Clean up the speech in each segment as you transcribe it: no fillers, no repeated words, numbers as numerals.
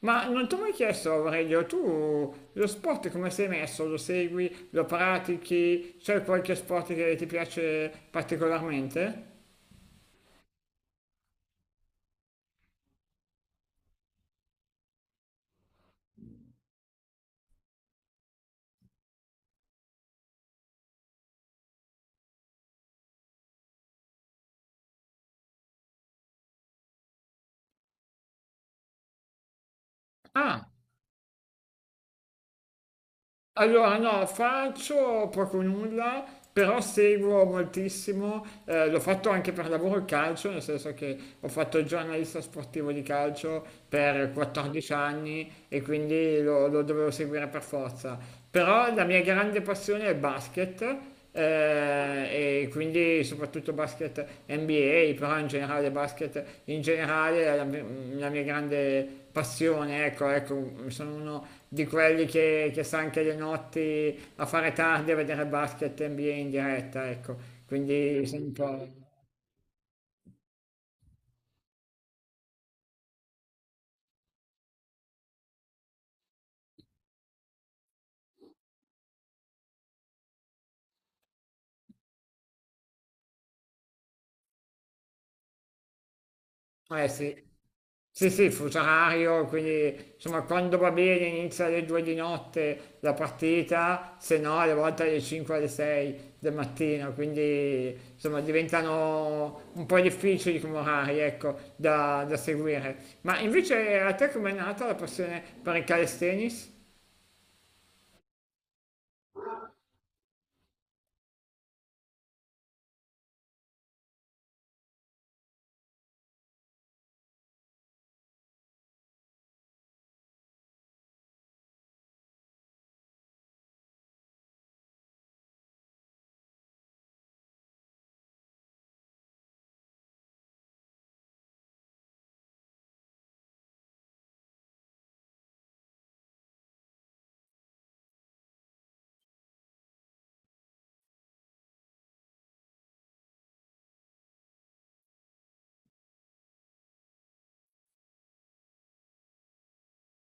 Ma non ti ho mai chiesto, Aurelio, tu lo sport come sei messo? Lo segui? Lo pratichi? C'è qualche sport che ti piace particolarmente? Ah, allora no, faccio poco o nulla, però seguo moltissimo, l'ho fatto anche per lavoro il calcio, nel senso che ho fatto il giornalista sportivo di calcio per 14 anni e quindi lo dovevo seguire per forza. Però la mia grande passione è il basket e quindi soprattutto basket NBA, però in generale basket in generale è la mia grande passione, ecco, ecco, sono uno di quelli che sta anche le notti a fare tardi a vedere basket NBA in diretta, ecco, quindi sono un po'. Eh sì. Sì, sì, fuso orario, quindi insomma quando va bene inizia alle 2 di notte la partita, se no alle volte alle 5 alle 6 del mattino, quindi insomma diventano un po' difficili come orari, ecco, da seguire. Ma invece a te com'è nata la passione per il calisthenics?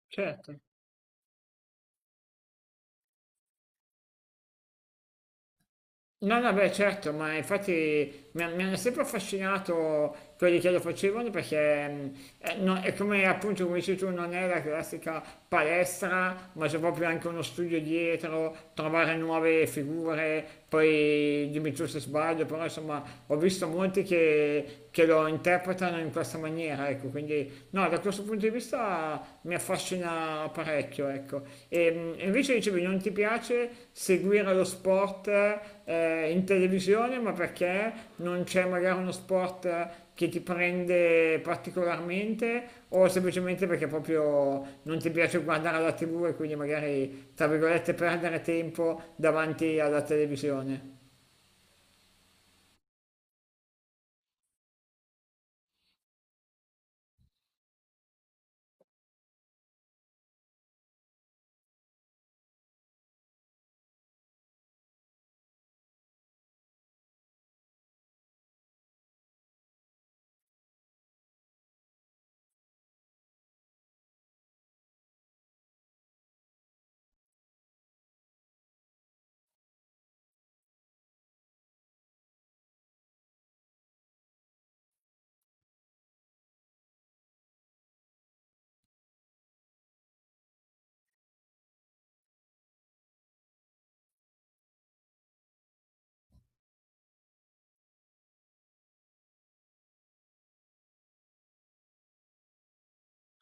Certo. No, no, beh, certo, ma infatti mi hanno sempre affascinato quelli che lo facevano perché no, è come appunto come dici tu, non è la classica palestra, ma c'è proprio anche uno studio dietro, trovare nuove figure, poi dimmi tu se sbaglio, però insomma ho visto molti che lo interpretano in questa maniera, ecco, quindi no, da questo punto di vista mi affascina parecchio, ecco. E invece dicevi, non ti piace seguire lo sport in televisione, ma perché non c'è magari uno sport che ti prende particolarmente o semplicemente perché proprio non ti piace guardare la TV e quindi magari, tra virgolette, perdere tempo davanti alla televisione?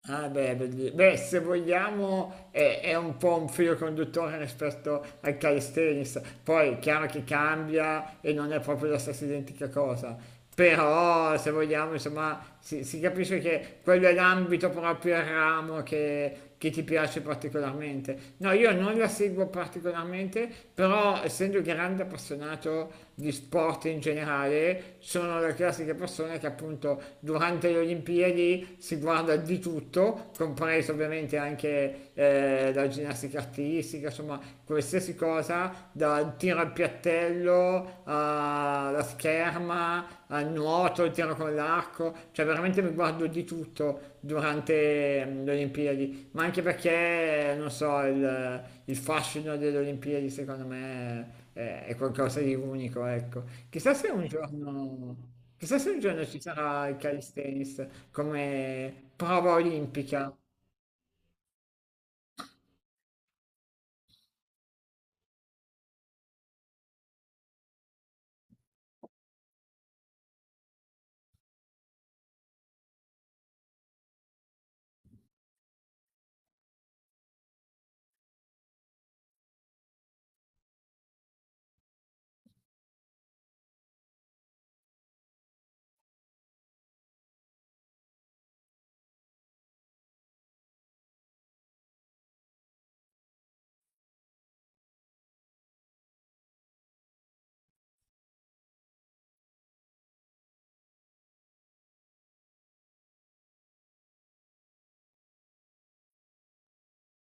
Ah, beh, se vogliamo è un po' un filo conduttore rispetto al calisthenics, poi è chiaro che cambia e non è proprio la stessa identica cosa, però se vogliamo insomma si capisce che quello è l'ambito proprio, il ramo che ti piace particolarmente. No, io non la seguo particolarmente, però essendo grande appassionato di sport in generale, sono la classica persona che appunto durante le Olimpiadi si guarda di tutto, compreso ovviamente anche la ginnastica artistica, insomma qualsiasi cosa, dal tiro al piattello alla scherma, al nuoto, al tiro con l'arco, cioè veramente mi guardo di tutto durante le Olimpiadi, ma anche perché, non so, il fascino delle Olimpiadi secondo me è qualcosa di unico, ecco. Chissà se un giorno ci sarà il calisthenics come prova olimpica.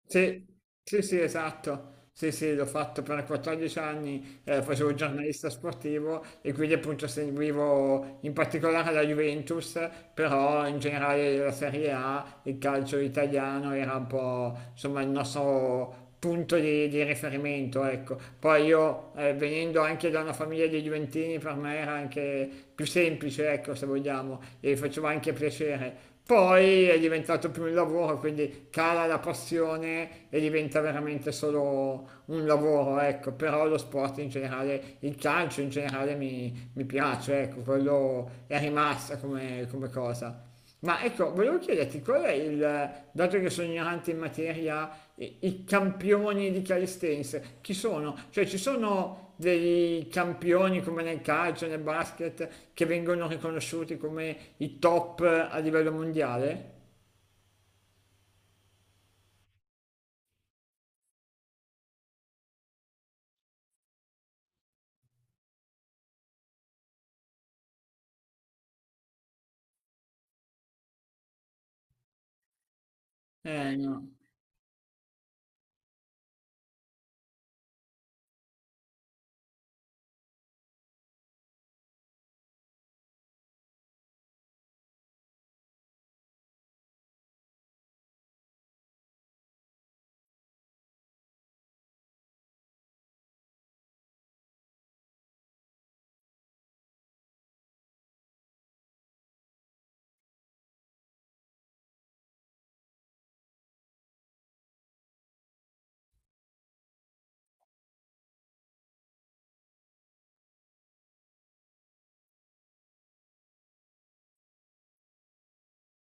Sì, sì, sì, esatto. Sì, sì, l'ho fatto per 14 anni, facevo il giornalista sportivo e quindi appunto seguivo in particolare la Juventus, però in generale la Serie A, il calcio italiano era un po' insomma il nostro punto di riferimento, ecco. Poi io venendo anche da una famiglia di Juventini per me era anche più semplice, ecco, se vogliamo, e faceva anche piacere. Poi è diventato più un lavoro, quindi cala la passione e diventa veramente solo un lavoro, ecco. Però lo sport in generale, il calcio in generale mi piace, ecco, quello è rimasto come cosa. Ma ecco, volevo chiederti qual è dato che sono ignorante in materia, i campioni di calisthenics, chi sono? Cioè ci sono dei campioni come nel calcio, nel basket, che vengono riconosciuti come i top a livello mondiale? Eh no.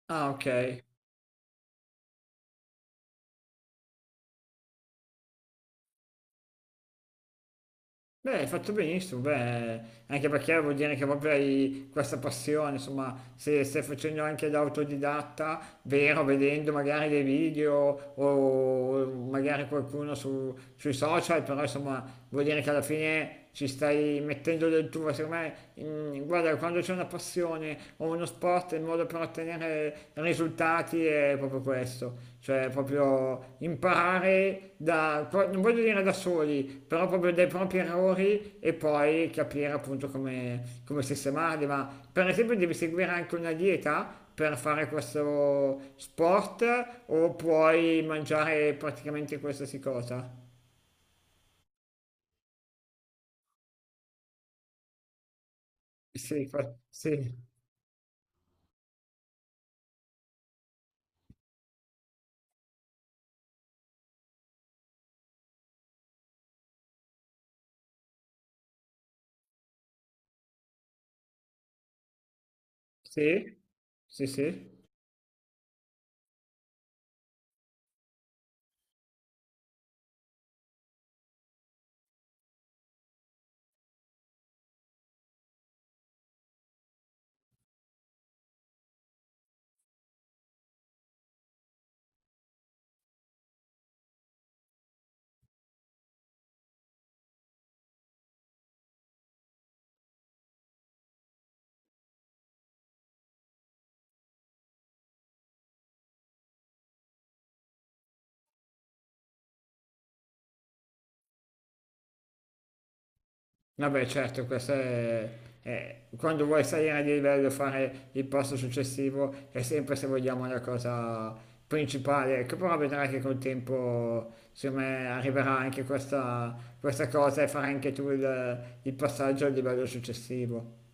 Ah, ok. Beh, hai fatto benissimo, beh, anche perché vuol dire che proprio hai questa passione, insomma, se stai facendo anche da autodidatta, vero, vedendo magari dei video o magari qualcuno sui social, però insomma, vuol dire che alla fine ci stai mettendo del tuo, secondo me, guarda, quando c'è una passione o uno sport, il modo per ottenere risultati è proprio questo, cioè proprio imparare non voglio dire da soli, però proprio dai propri errori e poi capire appunto come sistemarli, ma per esempio devi seguire anche una dieta per fare questo sport o puoi mangiare praticamente qualsiasi cosa? Sì, sì. Sì, sì, sì. Vabbè, certo, quando vuoi salire di livello, fare il passo successivo è sempre, se vogliamo, la cosa principale. Ecco, però vedrai che col tempo, secondo me, arriverà anche questa cosa e farai anche tu il passaggio al livello successivo.